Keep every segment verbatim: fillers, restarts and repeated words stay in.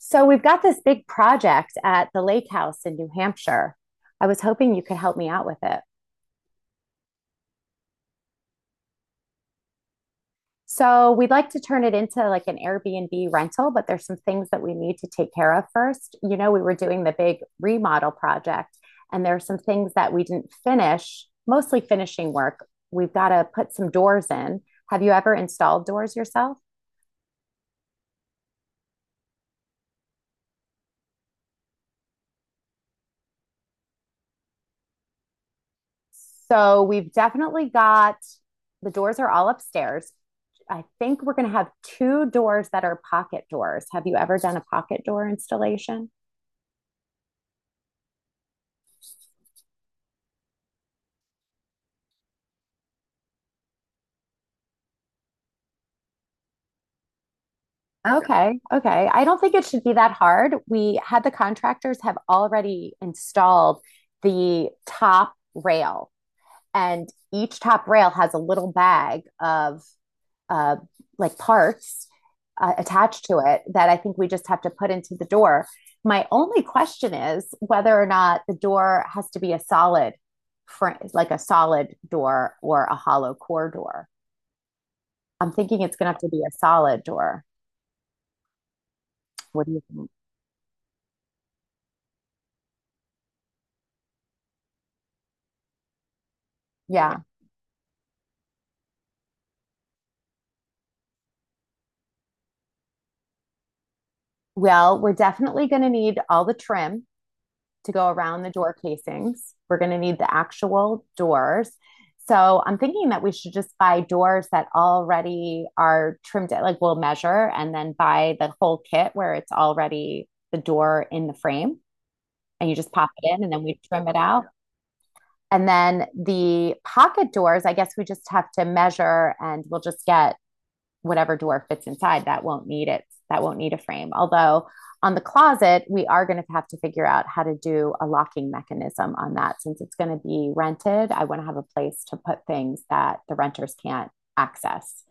So we've got this big project at the lake house in New Hampshire. I was hoping you could help me out with it. So we'd like to turn it into like an Airbnb rental, but there's some things that we need to take care of first. You know, we were doing the big remodel project, and there are some things that we didn't finish, mostly finishing work. We've got to put some doors in. Have you ever installed doors yourself? So we've definitely got the doors are all upstairs. I think we're going to have two doors that are pocket doors. Have you ever done a pocket door installation? No. Okay, okay. I don't think it should be that hard. We had the contractors have already installed the top rail, and each top rail has a little bag of uh, like parts uh, attached to it that I think we just have to put into the door. My only question is whether or not the door has to be a solid, fr- like a solid door or a hollow core door. I'm thinking it's going to have to be a solid door. What do you think? Yeah. Well, we're definitely going to need all the trim to go around the door casings. We're going to need the actual doors. So I'm thinking that we should just buy doors that already are trimmed, like we'll measure and then buy the whole kit where it's already the door in the frame and you just pop it in and then we trim it out. And then the pocket doors, I guess we just have to measure and we'll just get whatever door fits inside that won't need it that won't need a frame, although on the closet we are going to have to figure out how to do a locking mechanism on that, since it's going to be rented. I want to have a place to put things that the renters can't access,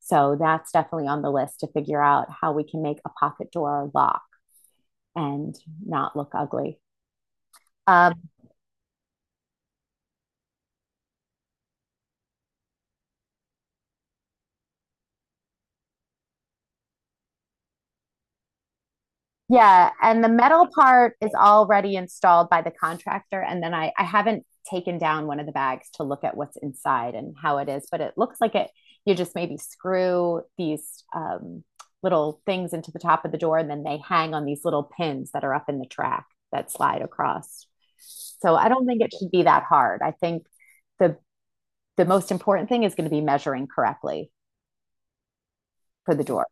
so that's definitely on the list, to figure out how we can make a pocket door lock and not look ugly. um, Yeah, and the metal part is already installed by the contractor, and then I I haven't taken down one of the bags to look at what's inside and how it is, but it looks like it. You just maybe screw these um, little things into the top of the door, and then they hang on these little pins that are up in the track that slide across. So I don't think it should be that hard. I think the the most important thing is going to be measuring correctly for the doors.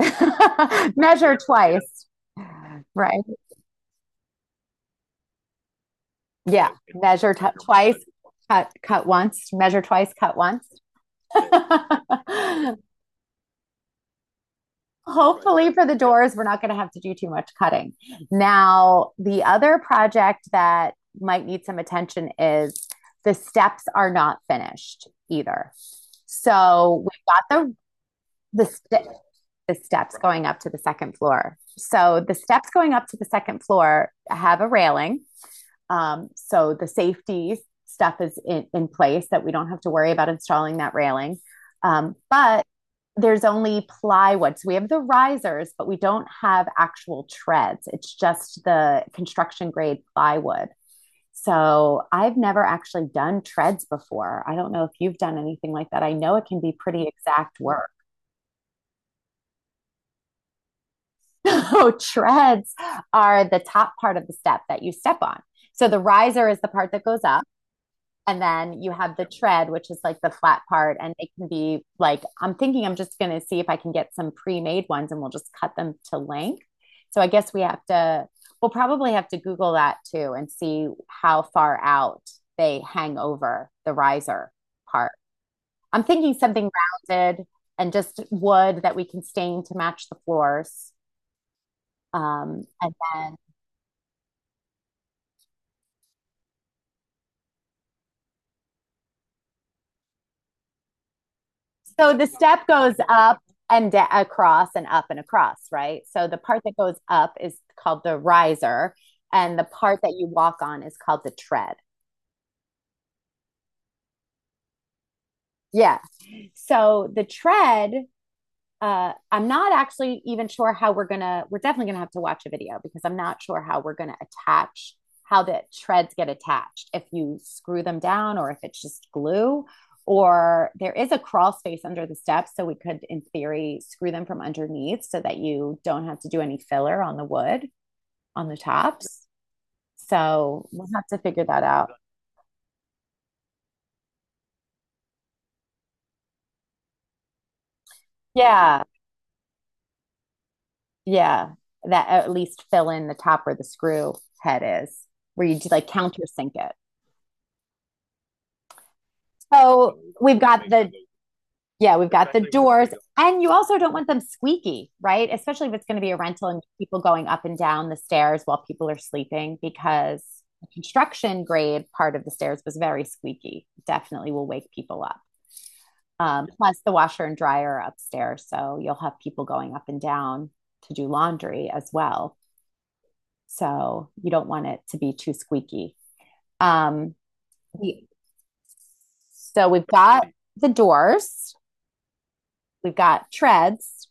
Measure twice, right? Yeah, measure t- twice, cut cut once, measure twice, cut once. Hopefully for the doors we're not going to have to do too much cutting. Now, the other project that might need some attention is the steps are not finished either. So, we've got the the, st- the steps going up to the second floor. So, the steps going up to the second floor have a railing. Um, so the safety stuff is in, in place that we don't have to worry about installing that railing. Um, but there's only plywood. So we have the risers, but we don't have actual treads. It's just the construction grade plywood. So I've never actually done treads before. I don't know if you've done anything like that. I know it can be pretty exact work. So treads are the top part of the step that you step on. So the riser is the part that goes up. And then you have the tread, which is like the flat part. And it can be like, I'm thinking I'm just going to see if I can get some pre made ones and we'll just cut them to length. So I guess we have to, we'll probably have to Google that too and see how far out they hang over the riser part. I'm thinking something rounded and just wood that we can stain to match the floors. Um, and then so the step goes up and da- across and up and across, right? So the part that goes up is called the riser, and the part that you walk on is called the tread. Yeah. So the tread uh, I'm not actually even sure how we're gonna. We're definitely gonna have to watch a video because I'm not sure how we're gonna attach how the treads get attached. If you screw them down, or if it's just glue, or there is a crawl space under the steps, so we could, in theory, screw them from underneath so that you don't have to do any filler on the wood on the tops. So we'll have to figure that out. Yeah, yeah. That at least fill in the top where the screw head is, where you just like countersink it. So we've got the, yeah, we've got the doors, and you also don't want them squeaky, right? Especially if it's going to be a rental and people going up and down the stairs while people are sleeping, because the construction grade part of the stairs was very squeaky. Definitely will wake people up. Um, plus, the washer and dryer are upstairs, so you'll have people going up and down to do laundry as well. So you don't want it to be too squeaky. Um, we- so we've got the doors, we've got treads.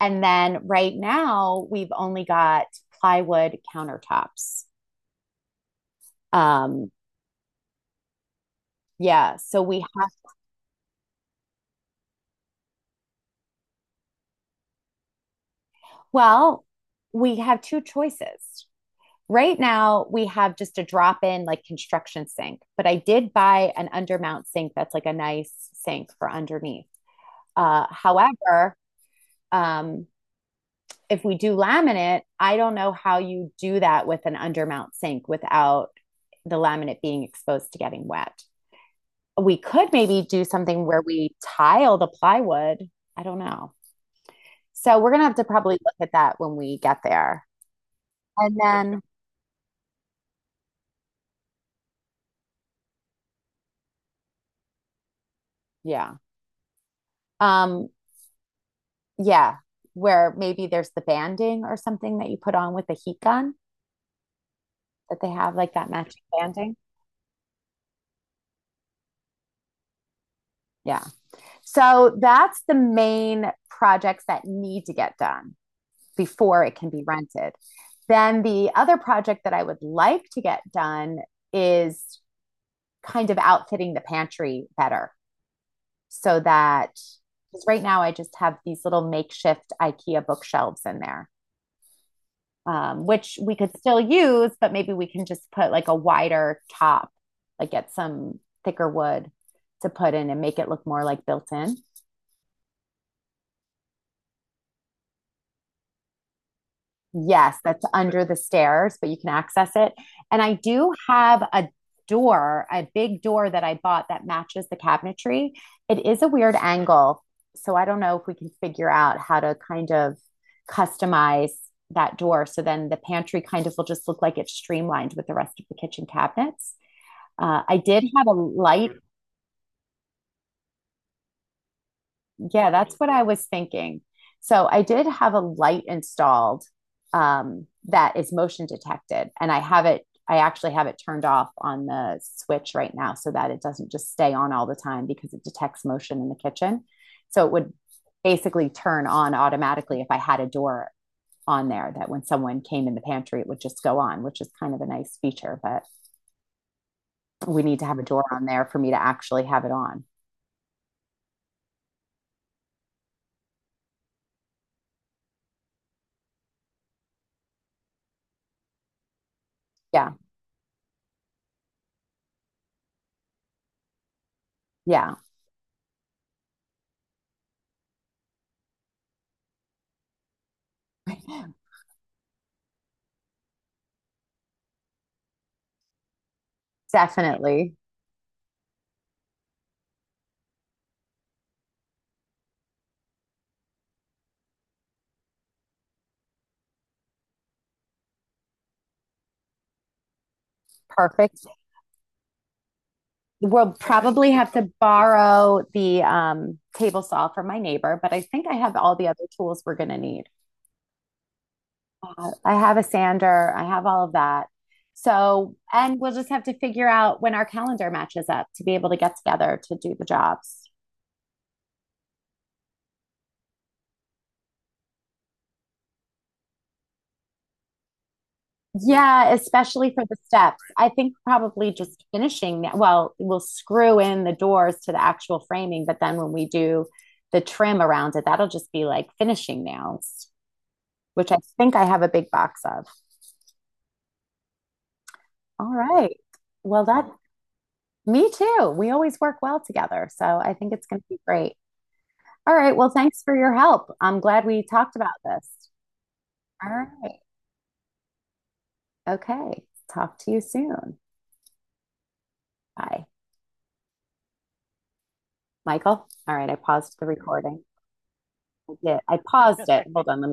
And then right now we've only got plywood countertops. Um, yeah. So we have, well, we have two choices. Right now we have just a drop in like construction sink, but I did buy an undermount sink that's like a nice sink for underneath. Uh, however, um, if we do laminate, I don't know how you do that with an undermount sink without the laminate being exposed to getting wet. We could maybe do something where we tile the plywood. I don't know. So we're gonna have to probably look at that when we get there. And then yeah. Um yeah, where maybe there's the banding or something that you put on with the heat gun that they have like that matching banding. Yeah. So that's the main projects that need to get done before it can be rented. Then the other project that I would like to get done is kind of outfitting the pantry better so that, because right now I just have these little makeshift IKEA bookshelves in there, um, which we could still use, but maybe we can just put like a wider top, like get some thicker wood to put in and make it look more like built in. Yes, that's under the stairs, but you can access it. And I do have a door, a big door that I bought that matches the cabinetry. It is a weird angle. So I don't know if we can figure out how to kind of customize that door. So then the pantry kind of will just look like it's streamlined with the rest of the kitchen cabinets. Uh, I did have a light Yeah, that's what I was thinking. So I did have a light installed um, that is motion detected, and I have it. I actually have it turned off on the switch right now so that it doesn't just stay on all the time because it detects motion in the kitchen. So it would basically turn on automatically if I had a door on there, that when someone came in the pantry, it would just go on, which is kind of a nice feature, but we need to have a door on there for me to actually have it on. Yeah. Yeah. Definitely. Perfect. We'll probably have to borrow the um, table saw from my neighbor, but I think I have all the other tools we're going to need. Uh, I have a sander, I have all of that. So, and we'll just have to figure out when our calendar matches up to be able to get together to do the jobs. Yeah, especially for the steps. I think probably just finishing that. Well, we'll screw in the doors to the actual framing, but then when we do the trim around it, that'll just be like finishing nails, which I think I have a big box of. All right. Well, that Me too. We always work well together, so I think it's going to be great. All right. Well, thanks for your help. I'm glad we talked about this. All right. Okay. Talk to you soon. Bye. Michael. All right. I paused the recording. I did. I paused it. Hold on. Let me